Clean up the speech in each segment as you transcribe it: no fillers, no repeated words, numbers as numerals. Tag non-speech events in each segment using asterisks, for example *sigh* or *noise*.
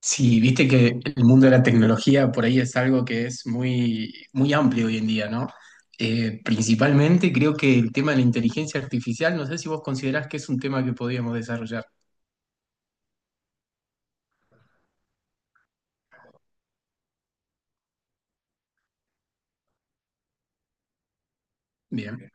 Sí, viste que el mundo de la tecnología por ahí es algo que es muy, muy amplio hoy en día, ¿no? Principalmente creo que el tema de la inteligencia artificial, no sé si vos considerás que es un tema que podríamos desarrollar. Bien.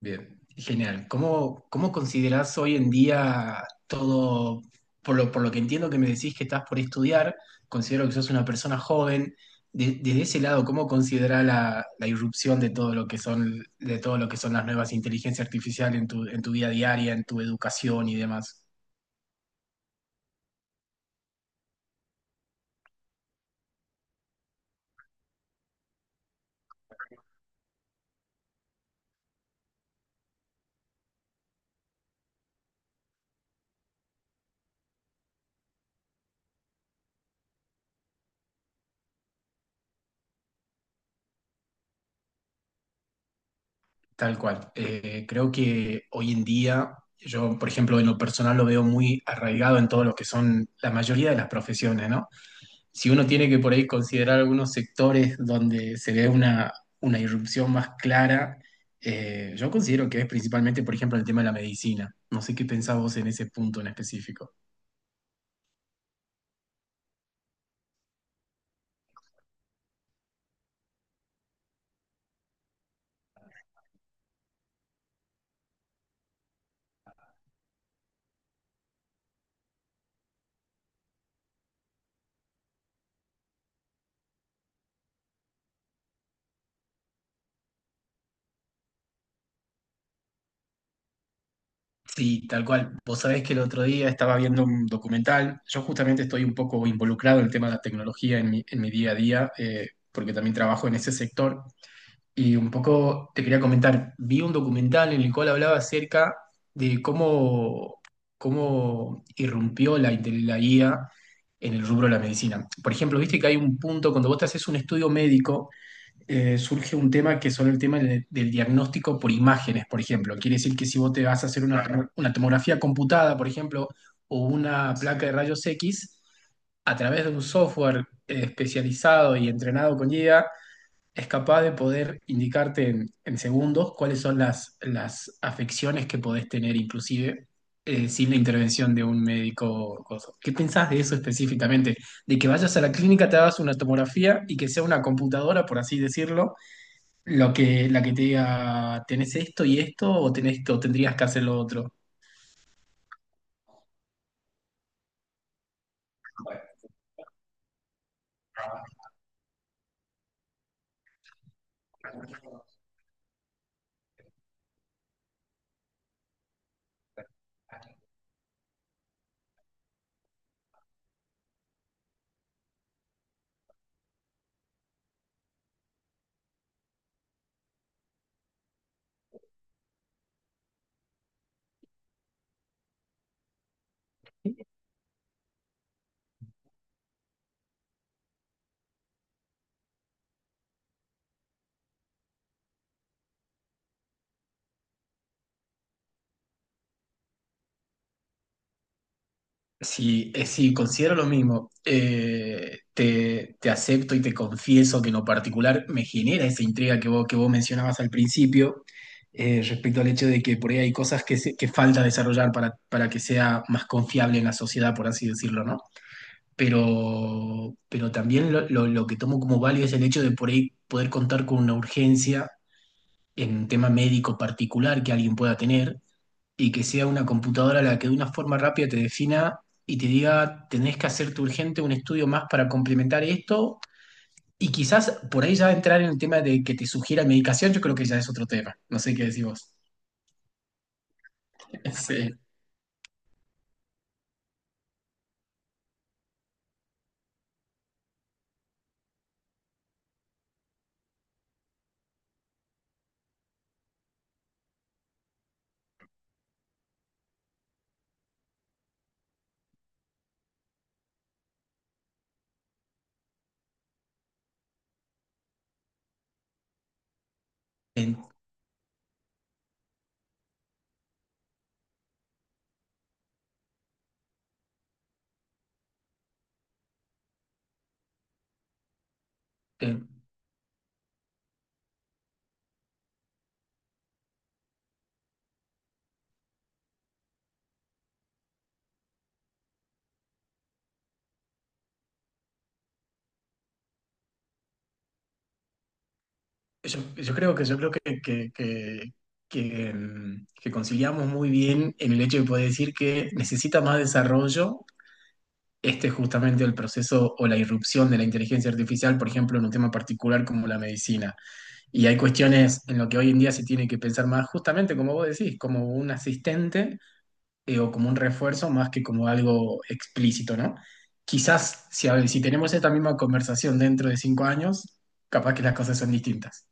Bien, genial. ¿Cómo considerás hoy en día todo, por lo que entiendo que me decís que estás por estudiar, considero que sos una persona joven, desde ese lado, ¿cómo considerás la irrupción de todo lo que son, de todo lo que son las nuevas inteligencias artificiales en tu vida diaria, en tu educación y demás? Tal cual. Creo que hoy en día, yo, por ejemplo, en lo personal lo veo muy arraigado en todo lo que son la mayoría de las profesiones, ¿no? Si uno tiene que por ahí considerar algunos sectores donde se ve una irrupción más clara, yo considero que es principalmente, por ejemplo, el tema de la medicina. No sé qué pensás vos en ese punto en específico. Sí, tal cual. Vos sabés que el otro día estaba viendo un documental. Yo justamente estoy un poco involucrado en el tema de la tecnología en mi día a día, porque también trabajo en ese sector. Y un poco te quería comentar, vi un documental en el cual hablaba acerca de cómo irrumpió la IA en el rubro de la medicina. Por ejemplo, viste que hay un punto, cuando vos te haces un estudio médico, surge un tema que son el tema del diagnóstico por imágenes, por ejemplo. Quiere decir que si vos te vas a hacer una tomografía computada, por ejemplo, o una placa de rayos X, a través de un software especializado y entrenado con IA, es capaz de poder indicarte en segundos cuáles son las afecciones que podés tener inclusive sin la intervención de un médico. O ¿Qué pensás de eso específicamente? De que vayas a la clínica, te hagas una tomografía y que sea una computadora, por así decirlo, lo que, la que te diga, tenés esto y esto o tenés, o tendrías que hacer lo otro. Sí, sí, considero lo mismo. Te acepto y te confieso que en lo particular me genera esa intriga que vos mencionabas al principio, respecto al hecho de que por ahí hay cosas que falta desarrollar para que sea más confiable en la sociedad, por así decirlo, ¿no? Pero también lo que tomo como válido es el hecho de por ahí poder contar con una urgencia en un tema médico particular que alguien pueda tener y que sea una computadora la que de una forma rápida te defina y te diga, tenés que hacerte urgente un estudio más para complementar esto. Y quizás por ahí ya entrar en el tema de que te sugiera medicación, yo creo que ya es otro tema. No sé qué decís vos. *laughs* Sí. En- en- yo creo que, que, mm, que conciliamos muy bien en el hecho de poder decir que necesita más desarrollo. Este es justamente el proceso o la irrupción de la inteligencia artificial, por ejemplo, en un tema particular como la medicina. Y hay cuestiones en lo que hoy en día se tiene que pensar más, justamente como vos decís, como un asistente o como un refuerzo más que como algo explícito, ¿no? Quizás si tenemos esta misma conversación dentro de 5 años, capaz que las cosas son distintas.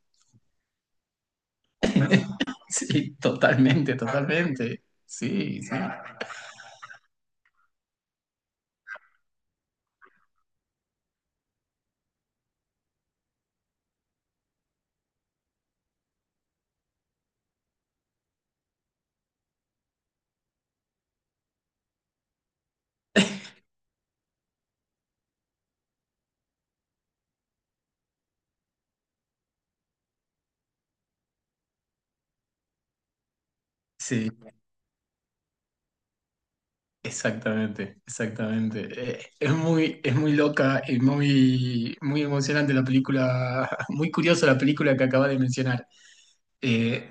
*laughs* Sí, totalmente, totalmente. Sí, sí, sí, exactamente, exactamente. Es muy loca y muy, muy emocionante la película, *laughs* muy curiosa la película que acaba de mencionar. Eh,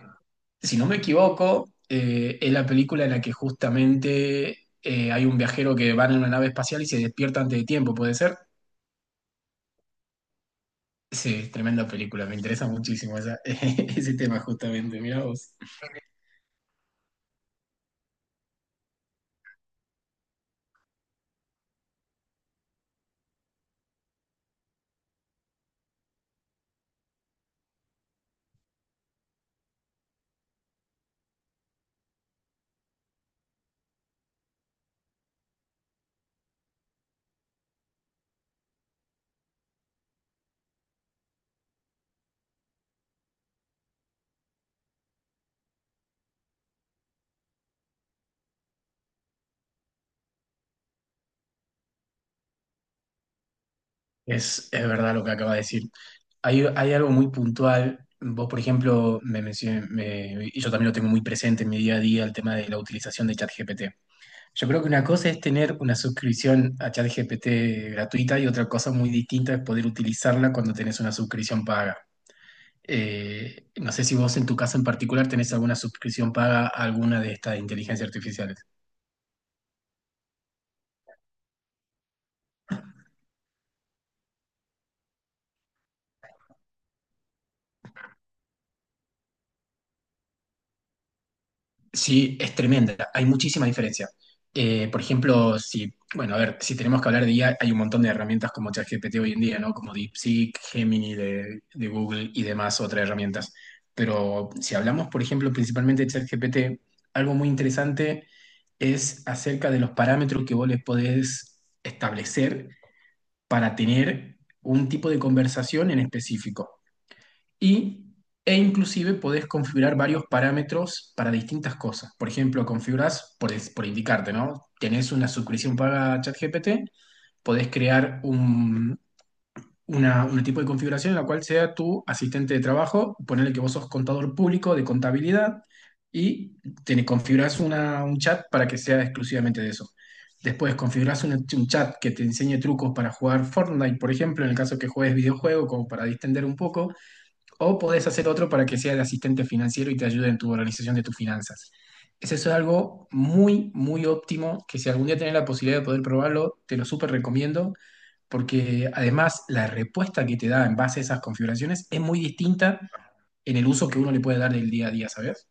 Si no me equivoco, es la película en la que justamente hay un viajero que va en una nave espacial y se despierta antes de tiempo, ¿puede ser? Sí, tremenda película, me interesa muchísimo esa- *laughs* ese tema justamente, mirá vos. Es verdad lo que acaba de decir. Hay algo muy puntual, vos por ejemplo, y yo también lo tengo muy presente en mi día a día, el tema de la utilización de ChatGPT. Yo creo que una cosa es tener una suscripción a ChatGPT gratuita y otra cosa muy distinta es poder utilizarla cuando tenés una suscripción paga. No sé si vos en tu caso en particular tenés alguna suscripción paga a alguna de estas inteligencias artificiales. Sí, es tremenda. Hay muchísima diferencia. Por ejemplo, bueno, a ver, si tenemos que hablar de IA, hay un montón de herramientas como ChatGPT hoy en día, ¿no? Como DeepSeek, Gemini de Google y demás otras herramientas. Pero si hablamos, por ejemplo, principalmente de ChatGPT, algo muy interesante es acerca de los parámetros que vos les podés establecer para tener un tipo de conversación en específico y, e inclusive podés configurar varios parámetros para distintas cosas. Por ejemplo, configurás, por indicarte, ¿no? Tenés una suscripción paga a ChatGPT, podés crear un tipo de configuración en la cual sea tu asistente de trabajo, ponerle que vos sos contador público de contabilidad y te configurás un chat para que sea exclusivamente de eso. Después configurás un chat que te enseñe trucos para jugar Fortnite, por ejemplo, en el caso que juegues videojuego, como para distender un poco. O podés hacer otro para que sea el asistente financiero y te ayude en tu organización de tus finanzas. Eso es algo muy, muy óptimo, que si algún día tenés la posibilidad de poder probarlo, te lo súper recomiendo, porque además la respuesta que te da en base a esas configuraciones es muy distinta en el uso que uno le puede dar del día a día, ¿sabes?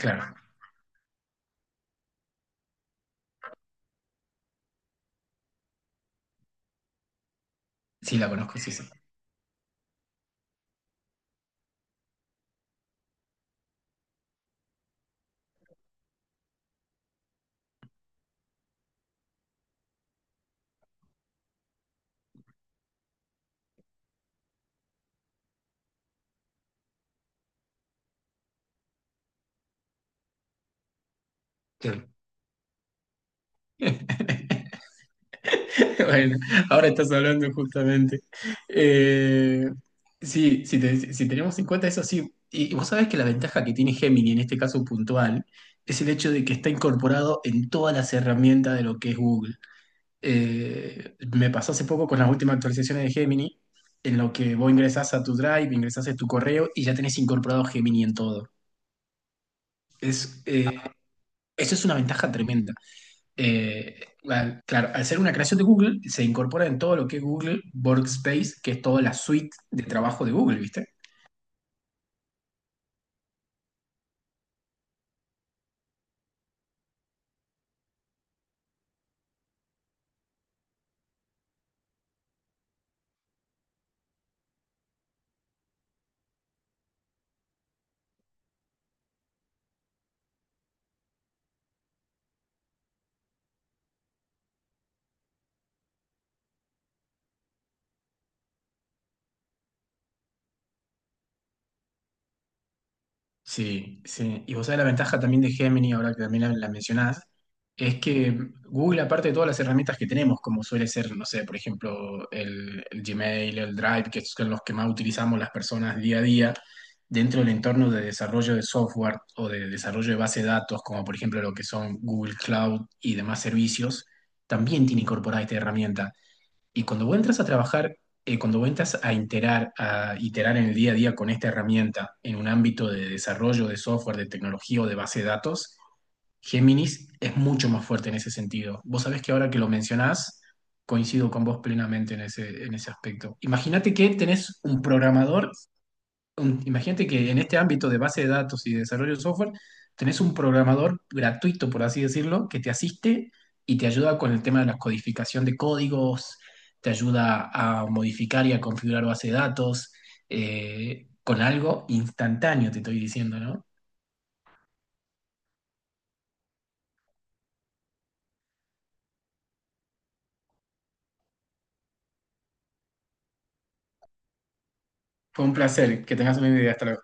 Claro, sí la conozco, sí, sí. Sí. *laughs* *laughs* Bueno, ahora estás hablando justamente. Eh, sí, si tenemos en cuenta eso, sí. Y vos sabés que la ventaja que tiene Gemini en este caso puntual es el hecho de que está incorporado en todas las herramientas de lo que es Google. Me pasó hace poco con las últimas actualizaciones de Gemini, en lo que vos ingresás a tu Drive, ingresás a tu correo y ya tenés incorporado Gemini en todo. Es, eh, Eso es una ventaja tremenda, eh, claro, al ser una creación de Google, se incorpora en todo lo que es Google Workspace, que es toda la suite de trabajo de Google, ¿viste? Sí, sí. Y vos sabés la ventaja también de Gemini, ahora que también la mencionás, es que Google, aparte de todas las herramientas que tenemos, como suele ser, no sé, por ejemplo, el Gmail, el Drive, que son los que más utilizamos las personas día a día, dentro del entorno de desarrollo de software o de desarrollo de base de datos, como por ejemplo lo que son Google Cloud y demás servicios, también tiene incorporada esta herramienta. Y cuando vos entras a trabajar, cuando vos entras a iterar, en el día a día con esta herramienta en un ámbito de desarrollo de software, de tecnología o de base de datos, Géminis es mucho más fuerte en ese sentido. Vos sabés que ahora que lo mencionás, coincido con vos plenamente en ese aspecto. Imagínate que tenés un programador imagínate que en este ámbito de base de datos y de desarrollo de software, tenés un programador gratuito, por así decirlo, que te asiste y te ayuda con el tema de la codificación de códigos, te ayuda a modificar y a configurar base de datos, con algo instantáneo, te estoy diciendo, ¿no? Fue un placer, que tengas una idea. Hasta luego.